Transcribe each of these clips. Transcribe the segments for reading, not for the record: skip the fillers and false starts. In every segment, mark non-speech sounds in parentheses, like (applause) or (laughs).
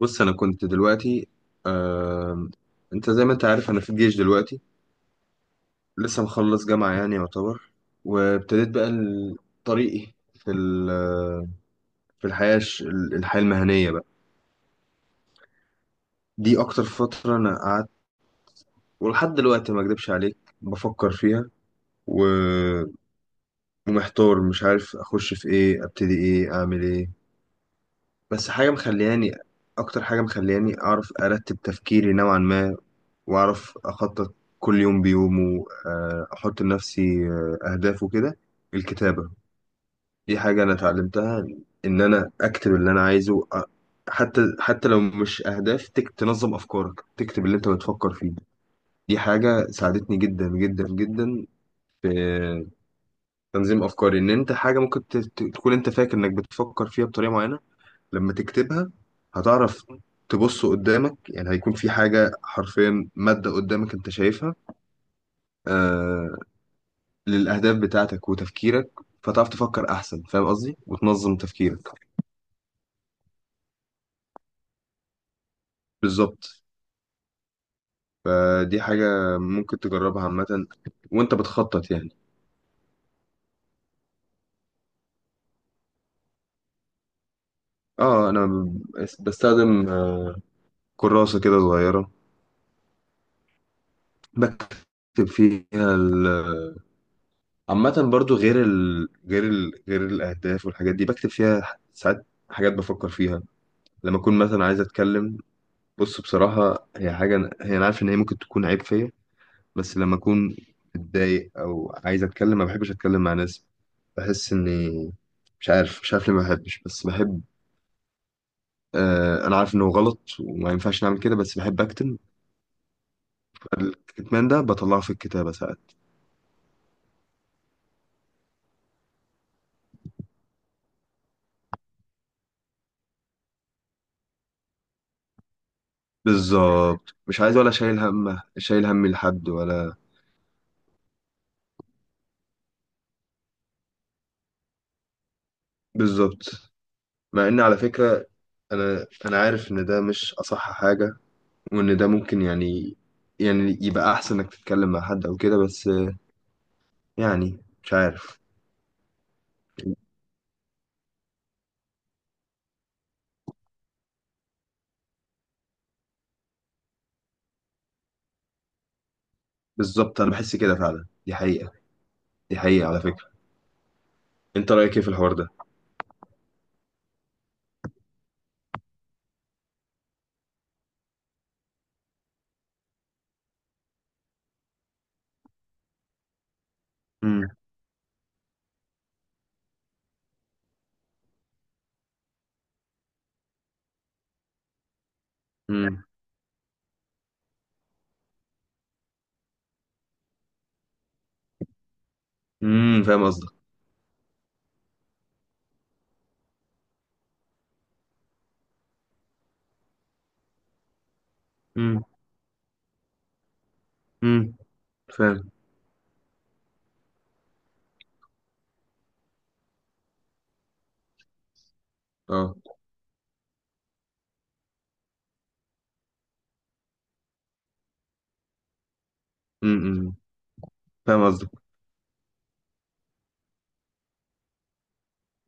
بص انا كنت دلوقتي آه... انت زي ما انت عارف انا في الجيش دلوقتي. لسه مخلص جامعة يعني يعتبر. وابتديت بقى طريقي في الحياة الحياة المهنية بقى. دي اكتر فترة انا قعدت، ولحد دلوقتي ما اكدبش عليك بفكر فيها. و... ومحتار، مش عارف اخش في ايه، ابتدي ايه، اعمل ايه. بس حاجة مخلياني، اكتر حاجة مخلياني اعرف ارتب تفكيري نوعا ما واعرف اخطط كل يوم بيومه. احط لنفسي اهداف وكده. الكتابه دي حاجه انا اتعلمتها، ان انا اكتب اللي انا عايزه حتى لو مش اهداف، تك تنظم افكارك، تكتب اللي انت بتفكر فيه. دي حاجه ساعدتني جدا جدا جدا في تنظيم افكاري. ان انت حاجه ممكن تكون انت فاكر انك بتفكر فيها بطريقه معينه، لما تكتبها هتعرف تبص قدامك. يعني هيكون في حاجه حرفيا ماده قدامك انت شايفها، آه، للأهداف بتاعتك وتفكيرك، فتعرف تفكر أحسن، فاهم قصدي، وتنظم تفكيرك. بالظبط، فدي حاجة ممكن تجربها عامة وأنت بتخطط يعني. اه، أنا بستخدم كراسة كده صغيرة، بكتب فيها عامة برضو غير الأهداف والحاجات دي بكتب فيها ساعات حاجات بفكر فيها لما أكون مثلا عايز أتكلم. بص، بصراحة هي حاجة، هي أنا عارف إن هي ممكن تكون عيب فيا. بس لما اكون متضايق او عايز اتكلم، ما بحبش اتكلم مع ناس، بحس اني مش عارف ليه ما بحبش بس بحب. انا عارف انه غلط وما ينفعش نعمل كده، بس بحب اكتم. فالكتمان ده بطلعه في الكتابة ساعات. بالظبط، مش عايز ولا شايل همه، شايل همي لحد ولا. بالظبط. مع ان على فكرة، انا عارف ان ده مش اصح حاجة، وان ده ممكن يعني، يعني يبقى احسن انك تتكلم مع حد او كده. بس يعني مش عارف. بالظبط، انا بحس كده فعلا، دي حقيقة. دي حقيقة على فكرة. انت رأيك ايه في الحوار ده؟ امم. امم. امم. فاهم قصدك. امم. امم. فاهم. اه. امم. أمم. فاهم قصدك.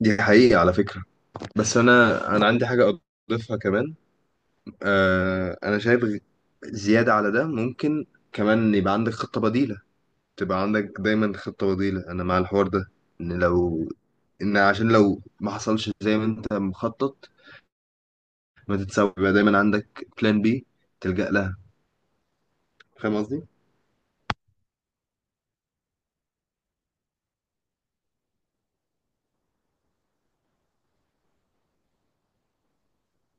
دي حقيقة على فكرة. بس انا، انا عندي حاجة اضيفها كمان. آه انا شايف غ- زيادة على ده ممكن كمان يبقى عندك خطة بديلة. تبقى عندك دايما خطة بديلة، انا مع الحوار ده. ان لو، ان عشان لو ما حصلش زي ما انت مخطط ما تتسوي، يبقى دايما عندك بلان بي تلجأ لها. فاهم قصدي؟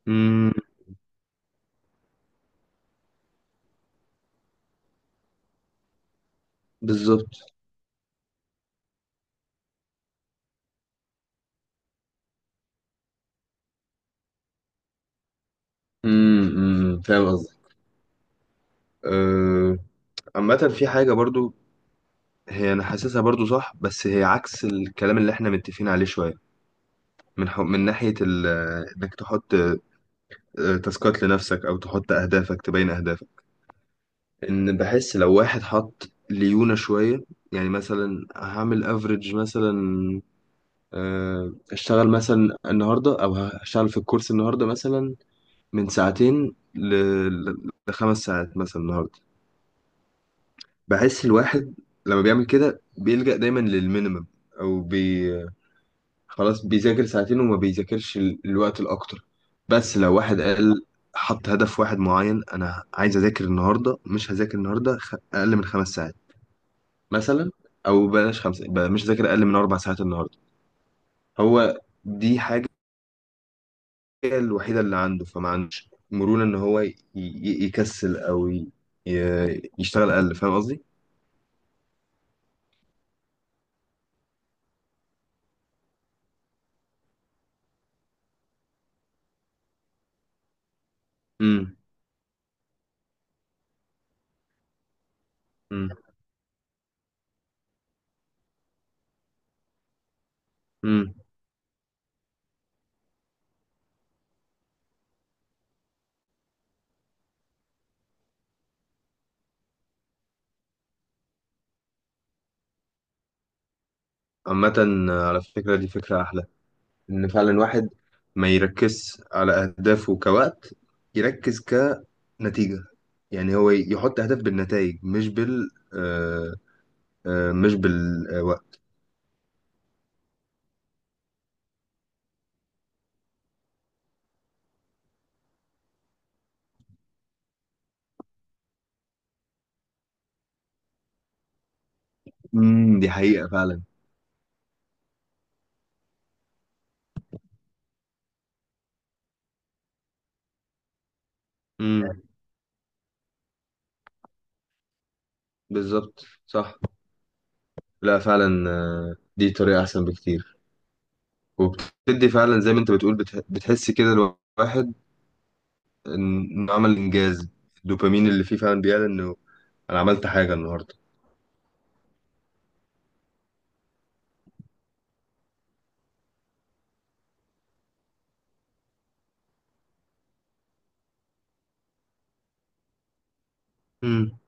امم. بالظبط. امم. أمم، فاهم قصدي. أه، عامة في حاجة برضو، هي أنا حاسسها برضو صح، بس هي عكس الكلام اللي احنا متفقين عليه شوية، من ناحية إنك تحط تاسكات لنفسك أو تحط أهدافك، تبين أهدافك. إن بحس لو واحد حط ليونة شوية، يعني مثلا هعمل افريج مثلا، اشتغل مثلا النهاردة أو هشتغل في الكورس النهاردة مثلا من ساعتين لخمس ساعات مثلا النهارده. بحس الواحد لما بيعمل كده بيلجأ دايما للمينيمم، او بي... خلاص بيذاكر ساعتين وما بيذاكرش الوقت الاكتر. بس لو واحد قال حط هدف واحد معين، انا عايز اذاكر النهارده، مش هذاكر النهارده اقل من خمس ساعات مثلا، او بلاش خمسه بقى، مش هذاكر اقل من اربع ساعات النهارده. هو دي حاجه، هي الوحيدة اللي عنده، فما عندوش مرونة إن هو يكسل أو يشتغل أقل. فاهم قصدي؟ امم. امم. امم. عامة على فكرة دي فكرة أحلى، إن فعلا الواحد ما يركز على أهدافه كوقت، يركز كنتيجة. يعني هو يحط أهداف بالنتائج، مش بال آه، آه، مش بالوقت. امم، دي حقيقة فعلا. امم. بالظبط، صح. لا فعلا، دي طريقة أحسن بكتير. وبتدي فعلا زي ما انت بتقول، بتحس كده الواحد انه عمل انجاز، الدوبامين اللي فيه فعلا بيعلن انه انا عملت حاجه النهارده. امم.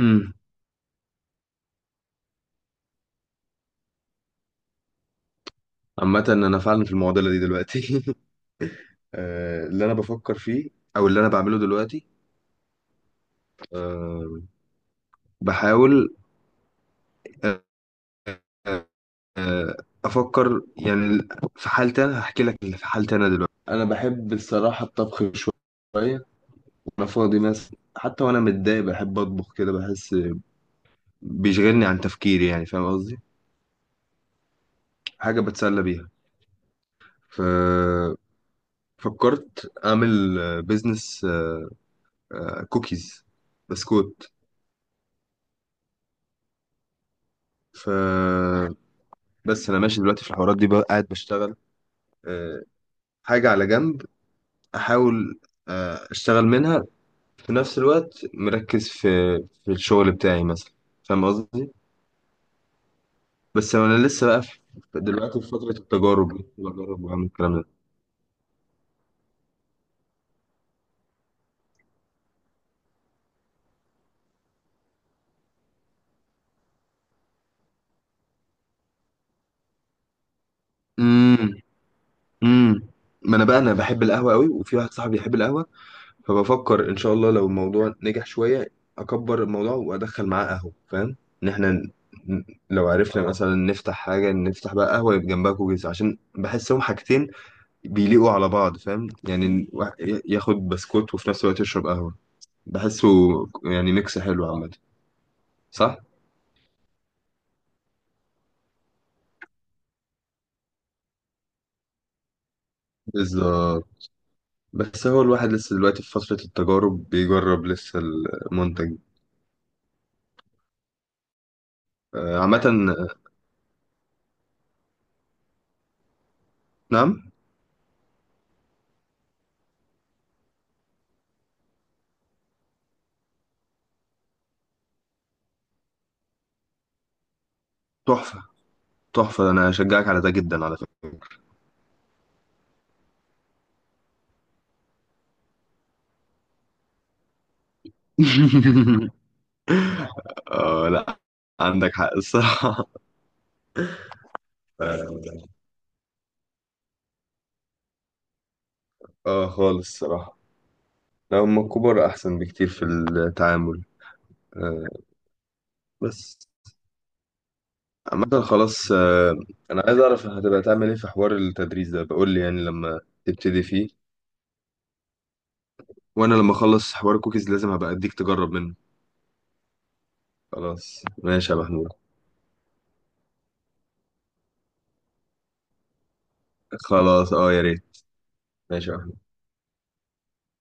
امم. عامه انا فعلا في المعضله دي دلوقتي (laughs) اللي انا بفكر فيه او اللي انا بعمله دلوقتي، آه، بحاول آه، آه، افكر يعني. في حالتي انا هحكي لك اللي في حالتي انا دلوقتي، انا بحب الصراحه الطبخ شويه، وانا فاضي مثلا حتى وانا متضايق بحب اطبخ كده. بحس بيشغلني عن تفكيري، يعني فاهم قصدي، حاجة بتسلى بيها. ف فكرت أعمل بيزنس كوكيز، بسكوت. ف بس أنا ماشي دلوقتي في الحوارات دي بقى، قاعد بشتغل آه، حاجة على جنب، أحاول أشتغل منها، في نفس الوقت مركز في في الشغل بتاعي مثلا. فاهم قصدي. بس أنا لسه بقى في، دلوقتي في فترة التجارب دي بجرب وأعمل الكلام ده. امم. امم. ما انا بقى انا بحب القهوه قوي، وفي واحد صاحبي بيحب القهوه، فبفكر ان شاء الله لو الموضوع نجح شويه اكبر الموضوع وادخل معاه قهوه. فاهم، ان احنا لو عرفنا اه مثلا نفتح حاجه، نفتح بقى قهوه يبقى جنبها كوكيز، عشان بحسهم حاجتين بيليقوا على بعض. فاهم، يعني الواحد ياخد بسكوت وفي نفس الوقت يشرب قهوه، بحسه يعني ميكس حلو اه عامه. صح، بالظبط. بس هو الواحد لسه دلوقتي في فتره التجارب، بيجرب لسه المنتج. عامه. نعم. تحفه، تحفه، انا اشجعك على ده جدا على فكره. (laughs) اه لا، عندك حق الصراحة. (laughs) اه، خالص الصراحة. لا، هم الكبار أحسن بكتير في التعامل. آه. بس عامة خلاص، آه أنا عايز أعرف هتبقى تعمل إيه في حوار التدريس ده، بقول لي يعني لما تبتدي فيه. وأنا لما أخلص حوار الكوكيز لازم هبقى أديك تجرب منه. خلاص، ماشي يا محمود. خلاص اه، يا ريت. ماشي يا محمود.